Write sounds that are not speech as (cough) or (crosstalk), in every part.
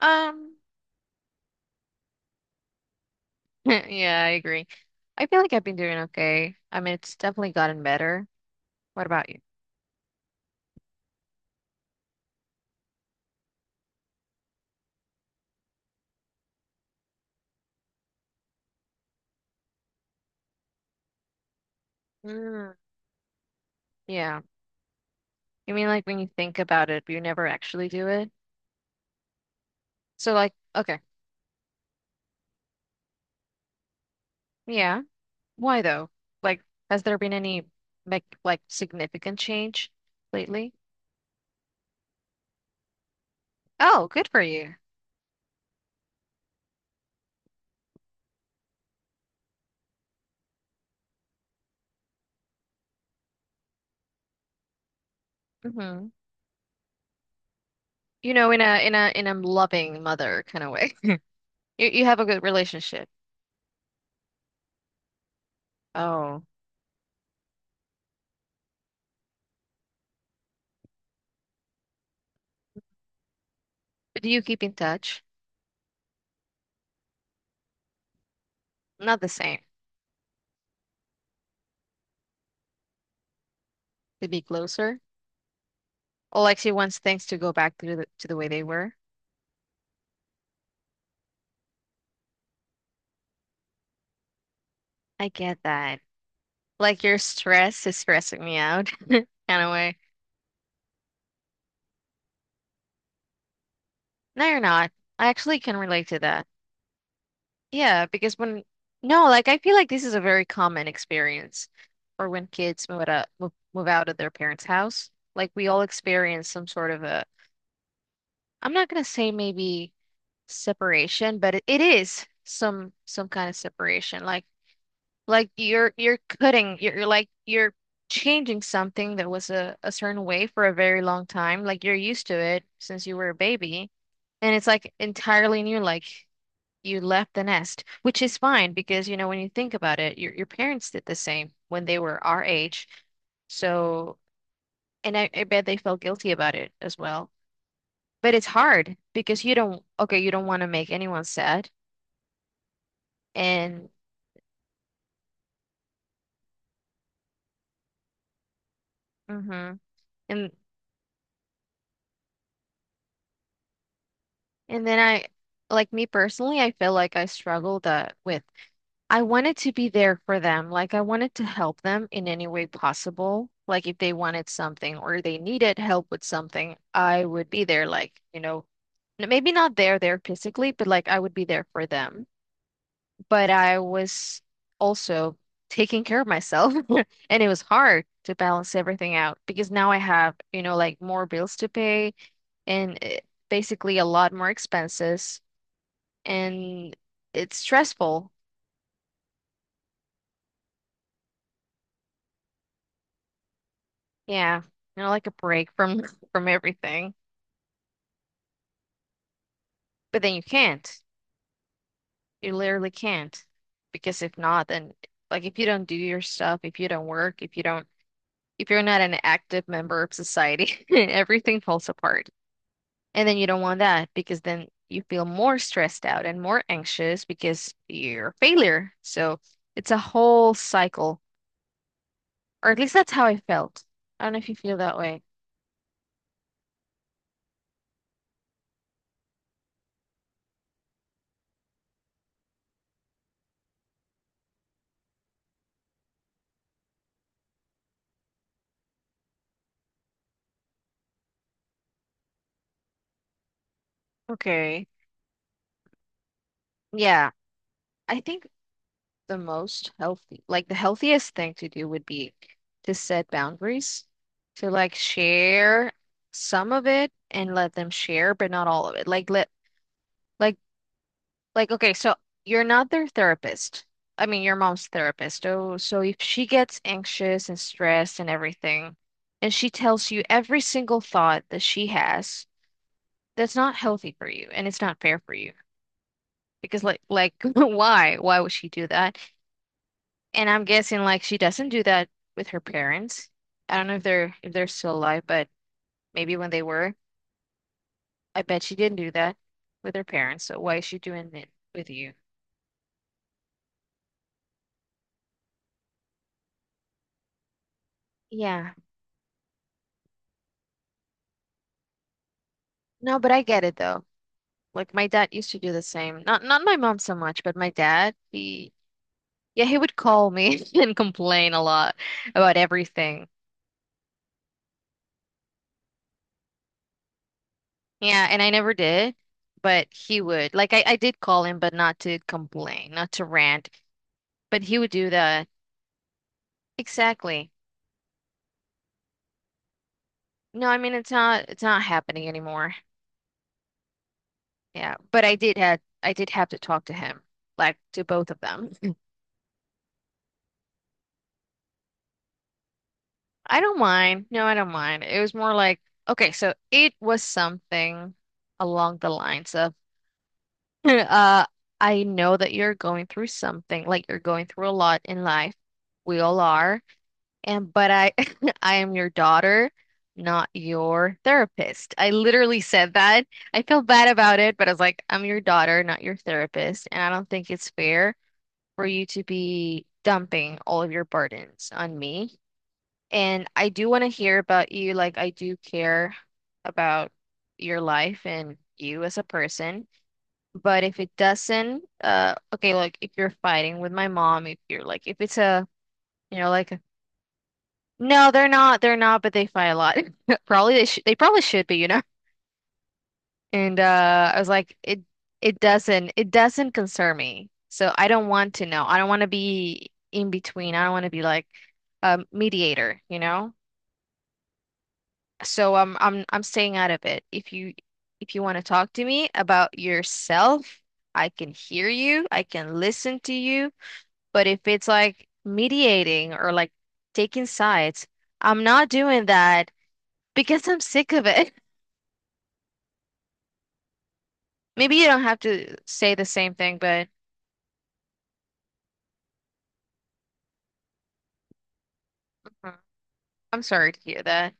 Um, (laughs) yeah, I agree. I feel like I've been doing okay. I mean, it's definitely gotten better. What about you? Mm, yeah. You mean, like when you think about it, but you never actually do it. So, like, okay, yeah. Why though? Like, has there been any like significant change lately? Oh, good for you. Hmm. You know, in a loving mother kind of way. (laughs) You have a good relationship. Oh, but do you keep in touch? Not the same. To be closer. Alexia wants things to go back to the way they were. I get that. Like your stress is stressing me out, (laughs) kind of way. No, you're not. I actually can relate to that. Yeah, because when no, like I feel like this is a very common experience or when kids move out of, move out of their parents' house. Like we all experience some sort of a, I'm not gonna say maybe separation, but it is some kind of separation. Like you're cutting, you're like you're changing something that was a certain way for a very long time. Like you're used to it since you were a baby. And it's like entirely new, like you left the nest, which is fine because, you know, when you think about it, your parents did the same when they were our age. So, and I bet they felt guilty about it as well. But it's hard because you don't, okay, you don't want to make anyone sad, and mm-hmm. And And then like me personally, I feel like I struggled with, I wanted to be there for them. Like I wanted to help them in any way possible. Like if they wanted something or they needed help with something, I would be there. Like, maybe not there, there physically, but like I would be there for them. But I was also taking care of myself. (laughs) And it was hard to balance everything out because now I have, you know, like more bills to pay and basically a lot more expenses and it's stressful. Yeah, you know, like a break from (laughs) from everything. But then you can't. You literally can't. Because if not, then like if you don't do your stuff, if you don't work, if you're not an active member of society, (laughs) everything falls apart. And then you don't want that because then you feel more stressed out and more anxious because you're a failure. So it's a whole cycle. Or at least that's how I felt. I don't know if you feel that way. Okay. Yeah, I think the most healthy, like the healthiest thing to do would be to set boundaries, to like share some of it and let them share, but not all of it. Like let like like okay, so you're not their therapist. I mean, your mom's therapist. Oh, so if she gets anxious and stressed and everything, and she tells you every single thought that she has, that's not healthy for you and it's not fair for you. Because like (laughs) why? Why would she do that? And I'm guessing like she doesn't do that with her parents. I don't know if they're still alive, but maybe when they were, I bet she didn't do that with her parents. So why is she doing it with you? Yeah. No, but I get it though. Like my dad used to do the same. Not my mom so much, but my dad, he yeah, he would call me (laughs) and complain a lot about everything. Yeah, and I never did, but he would. Like I did call him, but not to complain, not to rant, but he would do that. Exactly. No, I mean it's not happening anymore. Yeah, but I did have to talk to him, like to both of them. (laughs) I don't mind. No, I don't mind. It was more like okay, so it was something along the lines of (laughs) uh I know that you're going through something, like you're going through a lot in life. We all are. And but I (laughs) I am your daughter, not your therapist. I literally said that. I feel bad about it, but I was like, I'm your daughter, not your therapist, and I don't think it's fair for you to be dumping all of your burdens on me. And I do want to hear about you. Like, I do care about your life and you as a person. But if it doesn't, okay, like if you're fighting with my mom, if you're like, if you know, like no, they're not. They're not, but they fight a lot. (laughs) Probably they should. They probably should be, you know. And I was like, it doesn't concern me. So I don't want to know. I don't want to be in between. I don't want to be like a mediator, you know. So I'm staying out of it. If you want to talk to me about yourself, I can hear you. I can listen to you. But if it's like mediating or like taking sides, I'm not doing that. Because I'm sick of it. (laughs) Maybe you don't have to say the same thing, but mhm. I'm sorry to hear that.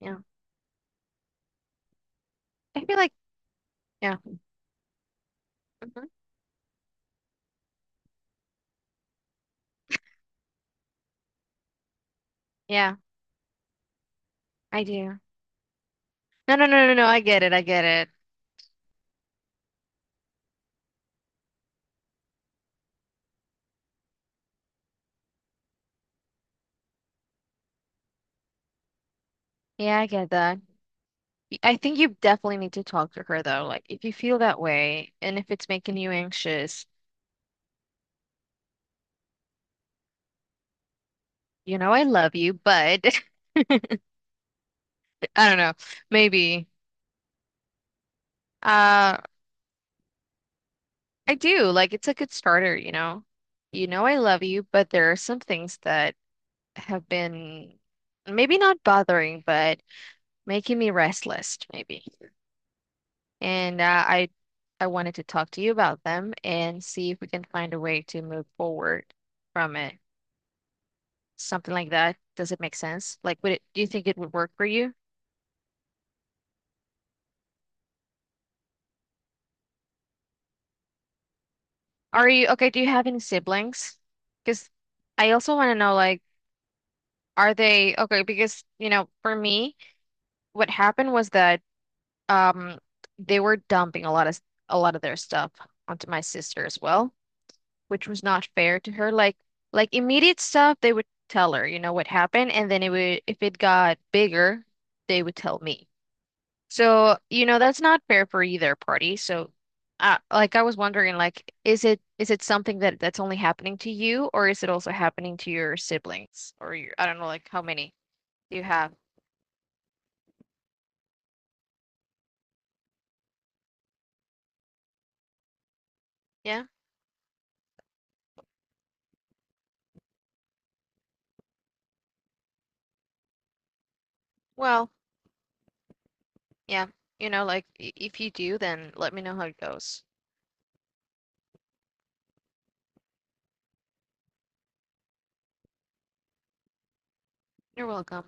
Yeah. I feel like, yeah. Hmm. Yeah, I do. No, no, no, no, no. I get it. I get it. Yeah, I get that. I think you definitely need to talk to her, though. Like, if you feel that way and if it's making you anxious, you know, I love you, but (laughs) I don't know. Maybe. Uh, I do. Like, it's a good starter, you know? You know, I love you, but there are some things that have been maybe not bothering, but making me restless, maybe. And I wanted to talk to you about them and see if we can find a way to move forward from it. Something like that. Does it make sense? Like, would it, do you think it would work for you? Are you okay? Do you have any siblings? Because I also want to know, like, are they okay? Because, you know, for me, what happened was that um they were dumping a lot of their stuff onto my sister as well. Which was not fair to her. Like immediate stuff, they would tell her, you know, what happened, and then it would if it got bigger, they would tell me. So, you know, that's not fair for either party. So, like I was wondering, like, is it something that that's only happening to you, or is it also happening to your siblings, or your, I don't know, like how many you have? Yeah. Well, yeah. You know, like if you do, then let me know how it goes. You're welcome.